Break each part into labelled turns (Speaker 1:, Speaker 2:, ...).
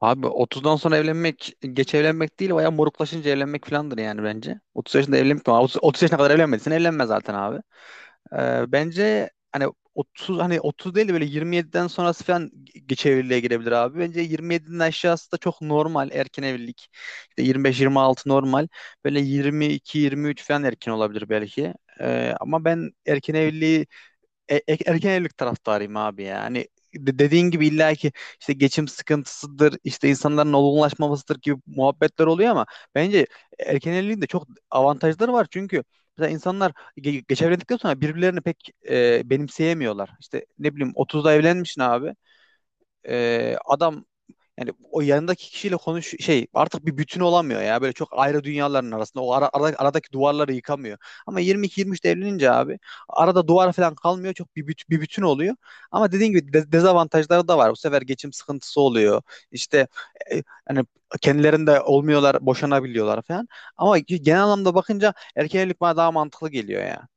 Speaker 1: Abi 30'dan sonra evlenmek geç evlenmek değil bayağı moruklaşınca evlenmek filandır yani bence. 30 yaşında evlenmek mi? 30 yaşına kadar evlenmediysen evlenme zaten abi. Bence hani 30 hani 30 değil de böyle 27'den sonrası falan geç evliliğe girebilir abi. Bence 27'nin aşağısı da çok normal erken evlilik. İşte 25-26 normal. Böyle 22-23 falan erken olabilir belki. Ama ben erken evliliği e- e- erken evlilik taraftarıyım abi ya. Hani dediğin gibi illa ki işte geçim sıkıntısıdır, işte insanların olgunlaşmamasıdır gibi muhabbetler oluyor ama bence erken evliliğin de çok avantajları var. Çünkü mesela insanlar geç evlendikten sonra birbirlerini pek benimseyemiyorlar. İşte ne bileyim 30'da evlenmişsin abi. Adam yani o yanındaki kişiyle konuş şey artık bir bütün olamıyor ya. Böyle çok ayrı dünyaların arasında. O aradaki duvarları yıkamıyor. Ama 22-23'te evlenince abi arada duvar falan kalmıyor. Çok bir bütün oluyor. Ama dediğin gibi dezavantajları da var. Bu sefer geçim sıkıntısı oluyor. İşte e, hani kendilerinde olmuyorlar, boşanabiliyorlar falan. Ama genel anlamda bakınca erkek evlilik bana daha mantıklı geliyor ya.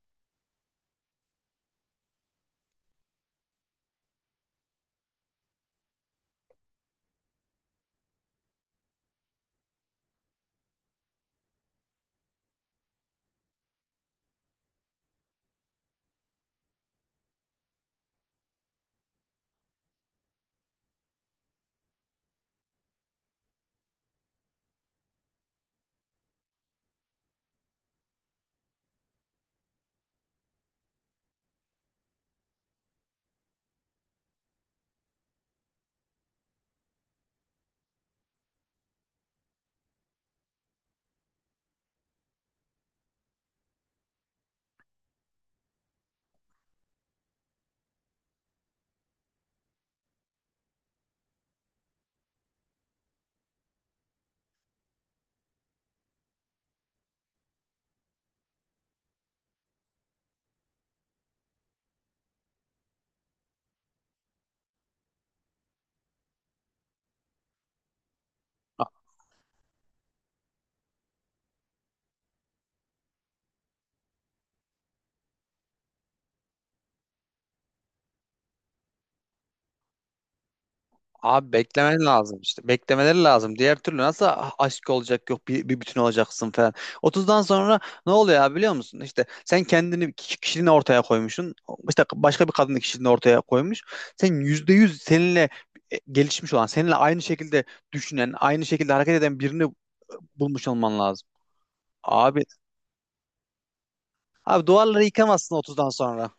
Speaker 1: Abi beklemen lazım işte. Beklemeleri lazım. Diğer türlü nasıl aşk olacak, yok bir bütün olacaksın falan. Otuzdan sonra ne oluyor abi biliyor musun? İşte sen kendini kişiliğini ortaya koymuşsun. İşte başka bir kadının kişiliğini ortaya koymuş. Sen %100 seninle gelişmiş olan, seninle aynı şekilde düşünen, aynı şekilde hareket eden birini bulmuş olman lazım. Abi Abi duvarları yıkamazsın 30'dan sonra.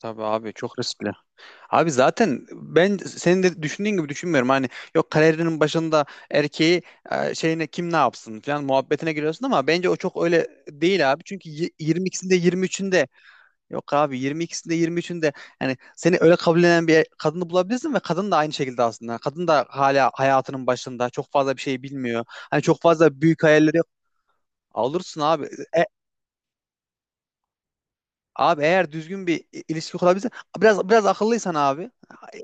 Speaker 1: Tabii abi çok riskli. Abi zaten ben senin de düşündüğün gibi düşünmüyorum. Hani yok kariyerinin başında erkeği şeyine kim ne yapsın falan muhabbetine giriyorsun ama bence o çok öyle değil abi. Çünkü 22'sinde 23'ünde yok abi, 22'sinde 23'ünde yani seni öyle kabullenen bir kadını bulabilirsin ve kadın da aynı şekilde aslında. Kadın da hala hayatının başında çok fazla bir şey bilmiyor. Hani çok fazla büyük hayalleri yok. Alırsın abi. Abi eğer düzgün bir ilişki kurabilsen biraz biraz akıllıysan abi,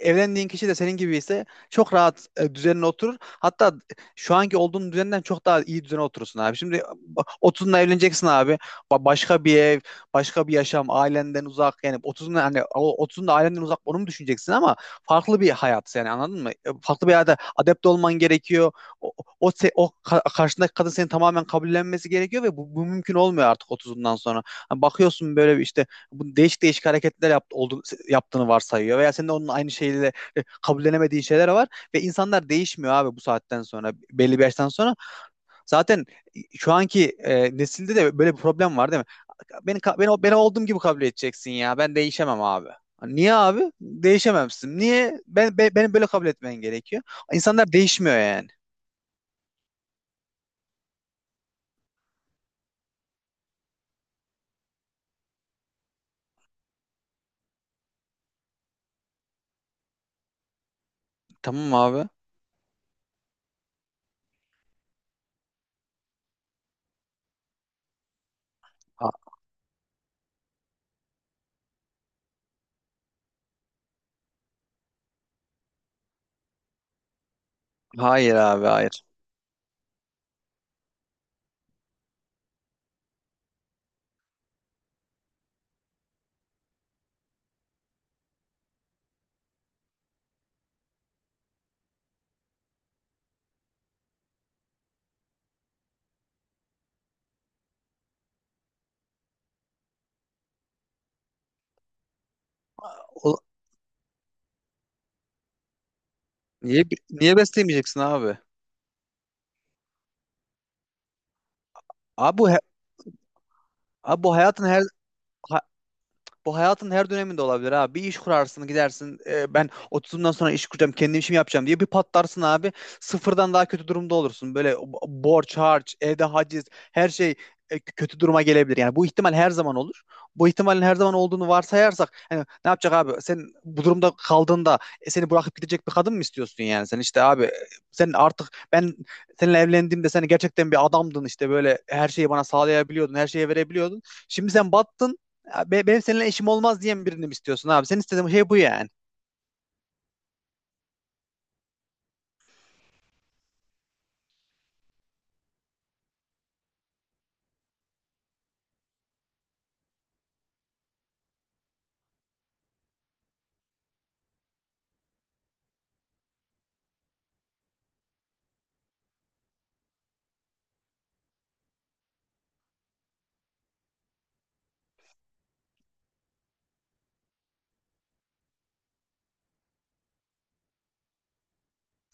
Speaker 1: evlendiğin kişi de senin gibi ise çok rahat düzenine oturur. Hatta şu anki olduğun düzenden çok daha iyi düzene oturursun abi. Şimdi 30'unda evleneceksin abi. Başka bir ev, başka bir yaşam, ailenden uzak yani otuzunda hani o 30'unda ailenden uzak onu mu düşüneceksin ama farklı bir hayat yani anladın mı? Farklı bir hayata adapte olman gerekiyor. O o, o, se- o ka- Karşındaki kadın seni tamamen kabullenmesi gerekiyor ve bu mümkün olmuyor artık otuzundan sonra. Hani bakıyorsun böyle bir işte bu değişik değişik hareketler yaptı, oldu, yaptığını varsayıyor veya senin de onun aynı şeyle kabullenemediğin şeyler var ve insanlar değişmiyor abi bu saatten sonra belli bir yaştan sonra. Zaten şu anki nesilde de böyle bir problem var değil mi? Ya, Beni ka- beni beni olduğum gibi kabul edeceksin ya. Ben değişemem abi. Hani niye abi? Değişememsin. Niye? Beni böyle kabul etmen gerekiyor. İnsanlar değişmiyor yani. Tamam abi. Ha- hayır abi hayır. O- niye niye besleyemeyeceksin abi? Abi bu he- abi ha- bu hayatın her döneminde olabilir abi. Bir iş kurarsın gidersin, ben 30'umdan sonra iş kuracağım, kendi işimi yapacağım diye bir patlarsın abi. Sıfırdan daha kötü durumda olursun. Böyle borç harç, evde haciz, her şey kötü duruma gelebilir. Yani bu ihtimal her zaman olur. Bu ihtimalin her zaman olduğunu varsayarsak yani ne yapacak abi? Sen bu durumda kaldığında seni bırakıp gidecek bir kadın mı istiyorsun yani? Sen işte abi, sen artık ben seninle evlendiğimde sen gerçekten bir adamdın, işte böyle her şeyi bana sağlayabiliyordun, her şeyi verebiliyordun. Şimdi sen battın. Ya benim seninle işim olmaz diyen birini mi istiyorsun abi? Senin istediğin şey bu yani.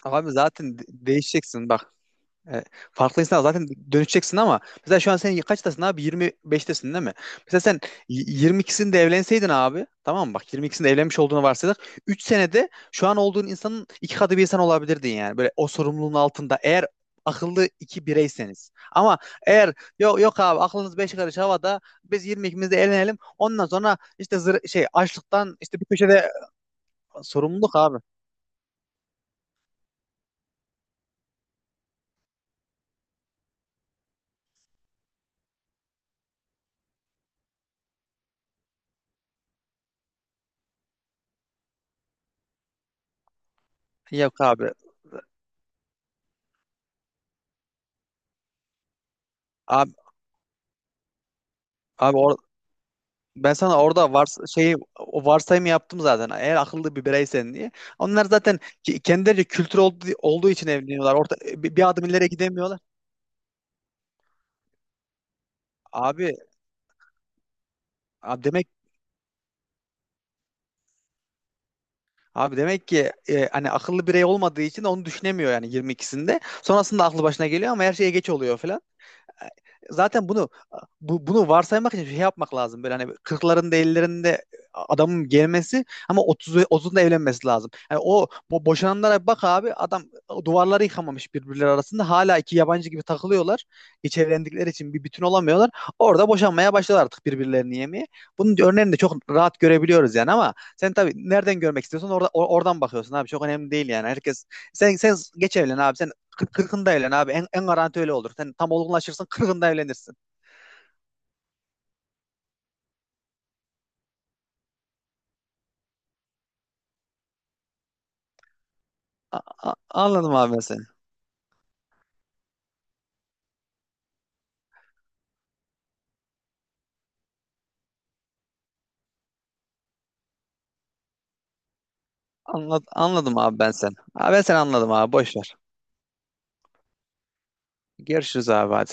Speaker 1: Abi zaten değişeceksin bak. E, Farklı insan zaten dönüşeceksin ama mesela şu an sen kaçtasın abi? 25'tesin değil mi? Mesela sen y- 22'sinde evlenseydin abi, tamam mı? Bak 22'sinde evlenmiş olduğunu varsaydık. 3 senede şu an olduğun insanın iki katı bir insan olabilirdin yani. Böyle o sorumluluğun altında, eğer akıllı iki bireyseniz. Ama eğer yok yok abi, aklınız beş karış havada, biz 22'mizde evlenelim, ondan sonra işte şey, açlıktan işte bir köşede. Sorumluluk abi. Yok abi. Abi, abi or- ben sana orada var şeyi, o varsayımı yaptım zaten. Eğer akıllı bir bireysen diye. Onlar zaten kendileri kültür olduğu için evleniyorlar. Bir adım ileri gidemiyorlar. Abi, abi demek abi demek ki hani akıllı birey olmadığı için onu düşünemiyor yani 22'sinde. Sonrasında aklı başına geliyor ama her şeye geç oluyor, zaten bunu varsaymak için şey yapmak lazım. Böyle hani 40'larında 50'lerinde adamın gelmesi, ama 30'unda evlenmesi lazım. Yani o bu boşananlara bak abi, adam duvarları yıkamamış, birbirleri arasında hala iki yabancı gibi takılıyorlar. Hiç evlendikleri için bir bütün olamıyorlar. Orada boşanmaya başladılar artık, birbirlerini yemeye. Bunun örneğini de çok rahat görebiliyoruz yani, ama sen tabii nereden görmek istiyorsan orada oradan bakıyorsun abi, çok önemli değil yani. Herkes, sen geç evlen abi, sen kırkında evlen abi. En garanti öyle olur. Sen tam olgunlaşırsın, kırkında evlenirsin. A- anladım abi ben seni. Anladım abi ben seni. Abi ben seni anladım abi. Boş ver. Görüşürüz abi hadi.